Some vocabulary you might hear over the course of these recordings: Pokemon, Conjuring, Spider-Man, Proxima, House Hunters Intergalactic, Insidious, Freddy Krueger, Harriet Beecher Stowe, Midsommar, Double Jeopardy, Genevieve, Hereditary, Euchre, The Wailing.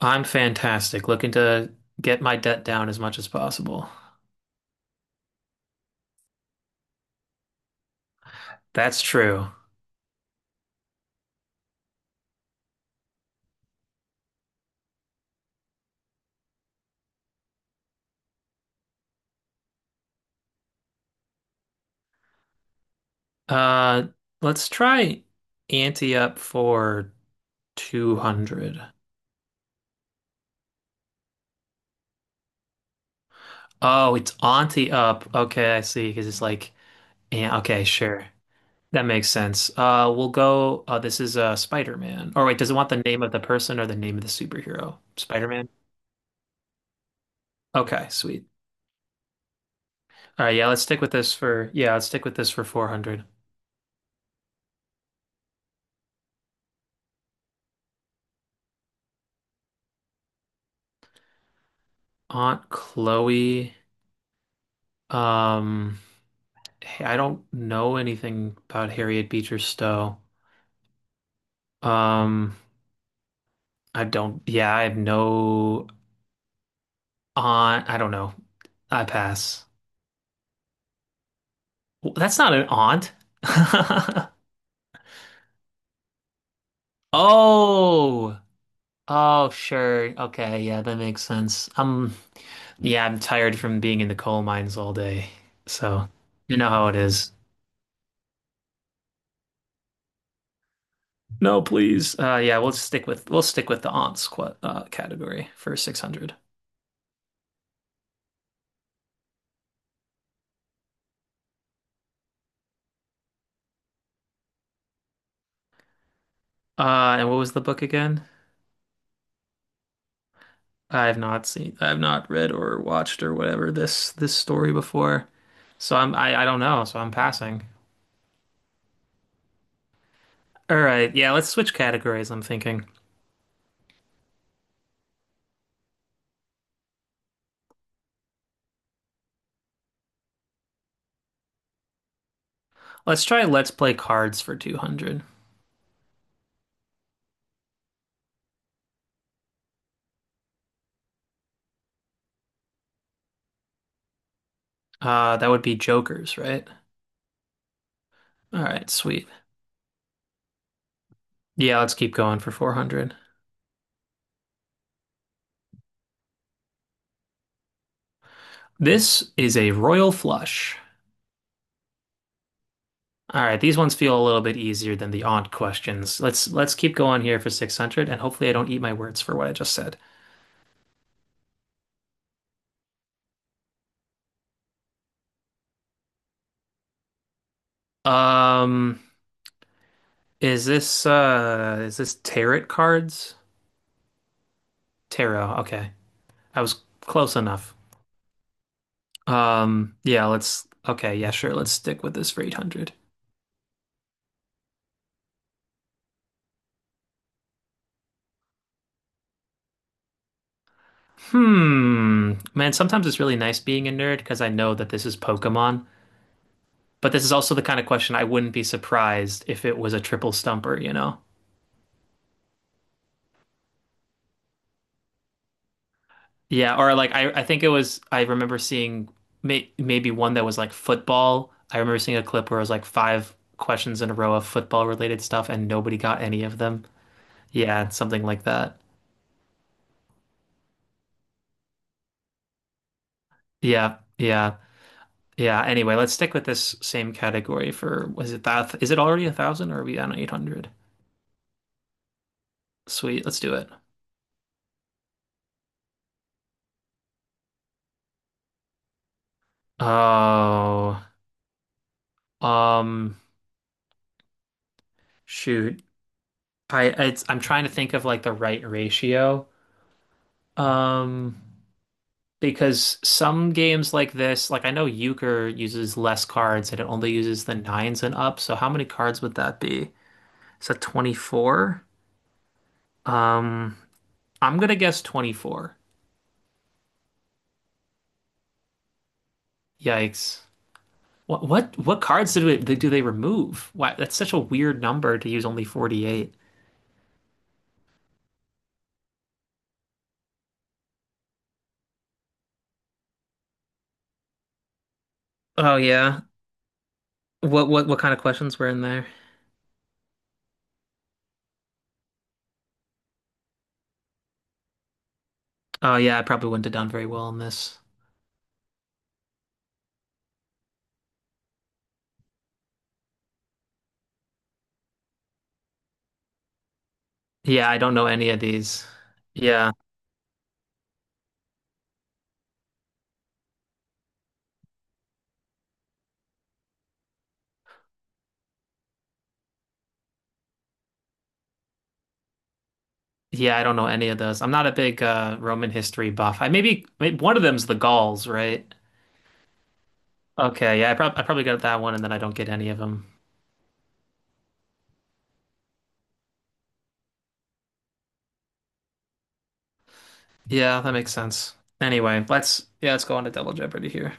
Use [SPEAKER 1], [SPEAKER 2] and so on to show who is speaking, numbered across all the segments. [SPEAKER 1] I'm fantastic, looking to get my debt down as much as possible. That's true. Uh, let's try ante up for 200. Oh, it's auntie up. Okay, I see. Because it's like, yeah, okay, sure. That makes sense. We'll go. This is Spider-Man. Or wait, does it want the name of the person or the name of the superhero? Spider-Man? Okay, sweet. All right, yeah, let's stick with this for 400. Aunt Chloe. Um, Hey, I don't know anything about Harriet Beecher Stowe. Um, I don't, Yeah, I have no aunt. I don't know. I pass. That's not an aunt. Oh, oh, sure. Okay, yeah, that makes sense. Yeah, I'm tired from being in the coal mines all day. So, you know how it is. No, please. Yeah, we'll stick with the aunts qu category for 600. Uh, and what was the book again? I have not read or watched or whatever this story before. So I don't know, so I'm passing. All right, yeah, let's switch categories, I'm thinking. Let's try Let's Play Cards for 200. That would be Jokers, right? All right, sweet. Yeah, let's keep going for 400. This is a royal flush. All right, these ones feel a little bit easier than the aunt questions. Let's keep going here for 600, and hopefully I don't eat my words for what I just said. Um, is this tarot cards? Tarot, okay. I was close enough. Yeah, let's okay, yeah, sure, let's stick with this for 800. Hmm. Man, sometimes it's really nice being a nerd because I know that this is Pokemon, but this is also the kind of question I wouldn't be surprised if it was a triple stumper. Yeah, or like I think it was I remember seeing maybe one that was like football. I remember seeing a clip where it was like five questions in a row of football related stuff, and nobody got any of them. Yeah, something like that. Yeah, yeah, yeah. Anyway, let's stick with this same category for, was it that is it already 1,000, or are we on 800? Sweet, let's do it. Oh, um, shoot. I'm trying to think of like the right ratio. Um, because some games like this, like I know Euchre uses less cards and it only uses the nines and up. So how many cards would that be? Is that 24? Um, I'm gonna guess 24. Yikes. What cards do they remove? Why that's such a weird number, to use only 48. Oh, yeah. What kind of questions were in there? Oh, yeah, I probably wouldn't have done very well in this. Yeah, I don't know any of these. Yeah. Yeah, I don't know any of those. I'm not a big Roman history buff. Maybe one of them's the Gauls, right? Okay, yeah, I probably got that one, and then I don't get any of them. Yeah, that makes sense. Anyway, let's yeah, let's go on to Double Jeopardy here.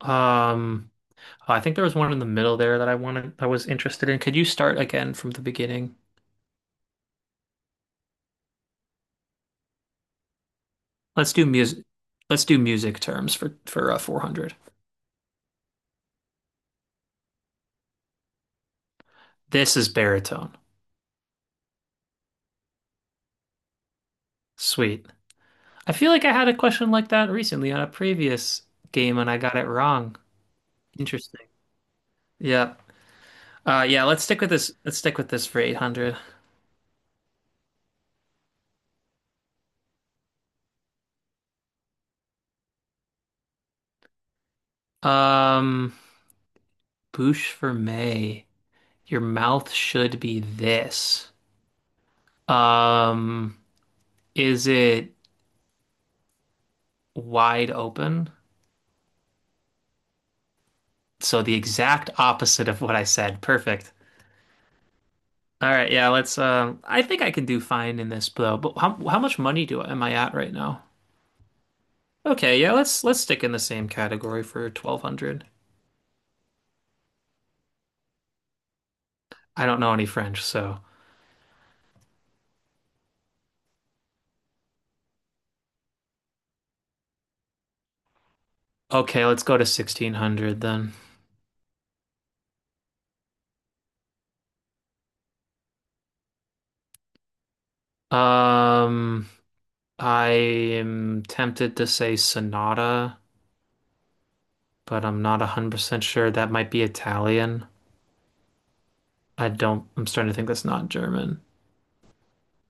[SPEAKER 1] Um I think there was one in the middle there that I wanted, I was interested in. Could you start again from the beginning? Let's do music. Let's do music terms for 400. This is baritone. Sweet. I feel like I had a question like that recently on a previous game, and I got it wrong. Interesting. Yeah. Yeah, let's stick with this. Let's stick with this for 800. Um, bouche for May. Your mouth should be this. Um, is it wide open? So the exact opposite of what I said. Perfect. All right, yeah, let's I think I can do fine in this, though. But how much money do am I at right now? Okay, yeah, let's stick in the same category for 1200. I don't know any French, so okay, let's go to 1600 then. Um I am tempted to say Sonata, but I'm not 100% sure. That might be Italian. I don't I'm starting to think that's not German.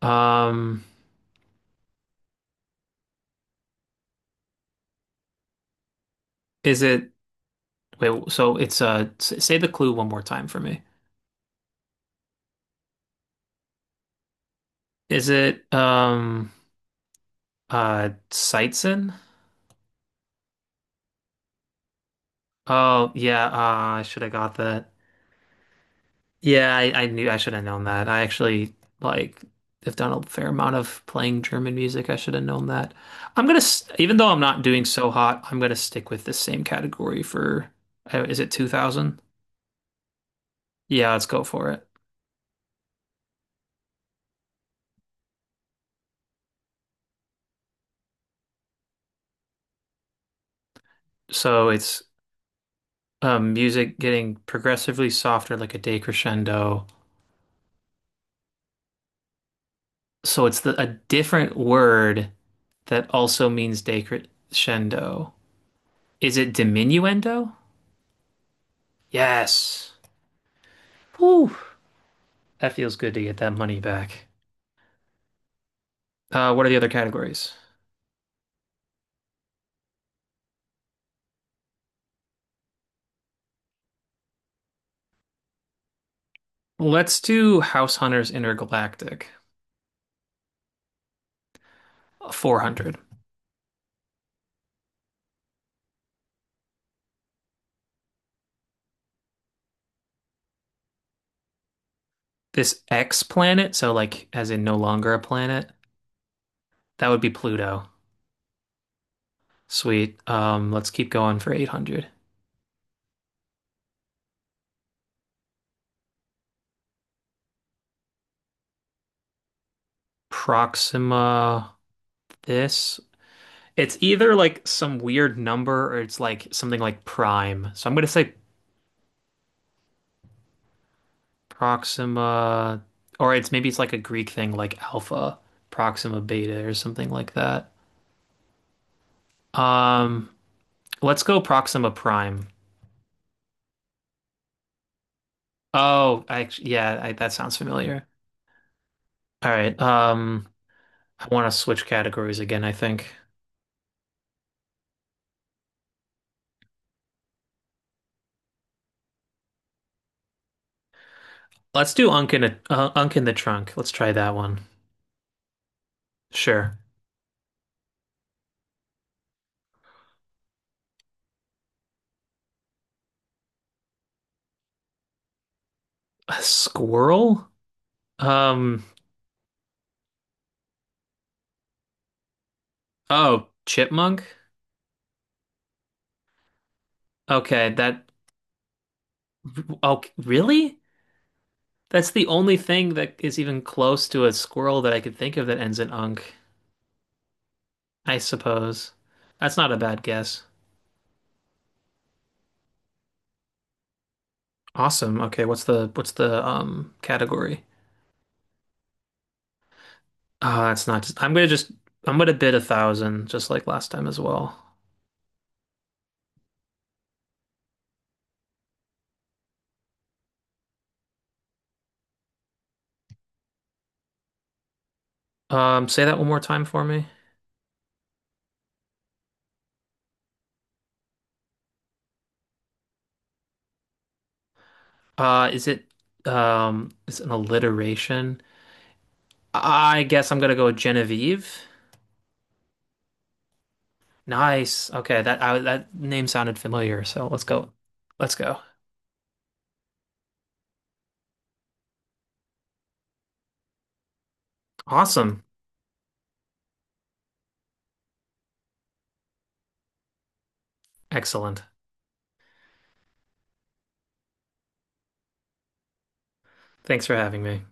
[SPEAKER 1] Um is it Wait, so it's say the clue one more time for me. Is it Sightson? Oh, yeah, I should have got that. Yeah, I knew I should have known that. I actually like have done a fair amount of playing German music. I should have known that. Even though I'm not doing so hot, I'm gonna stick with the same category for, is it 2000? Yeah, let's go for it. So it's music getting progressively softer, like a decrescendo. So it's a different word that also means decrescendo. Is it diminuendo? Yes. Whew. That feels good to get that money back. What are the other categories? Let's do House Hunters Intergalactic, 400. This X planet, so like as in no longer a planet, that would be Pluto. Sweet. Let's keep going for 800. Proxima. This It's either like some weird number, or it's like something like prime. So I'm gonna say Proxima, or it's maybe it's like a Greek thing like alpha, Proxima beta, or something like that. Um, let's go Proxima prime. Oh, yeah, that sounds familiar. All right. I want to switch categories again, I think. Let's do Unk in the trunk. Let's try that one. Sure. A squirrel? Um, oh, chipmunk? Okay, that oh, really? That's the only thing that is even close to a squirrel that I could think of that ends in unk, I suppose. That's not a bad guess. Awesome. Okay, what's the category? That's not just, I'm gonna bid 1,000, just like last time as well. Say that one more time for me. Uh is it is it an alliteration? I guess I'm gonna go with Genevieve. Nice. Okay, that name sounded familiar, so let's go. Let's go. Awesome. Excellent. Thanks for having me.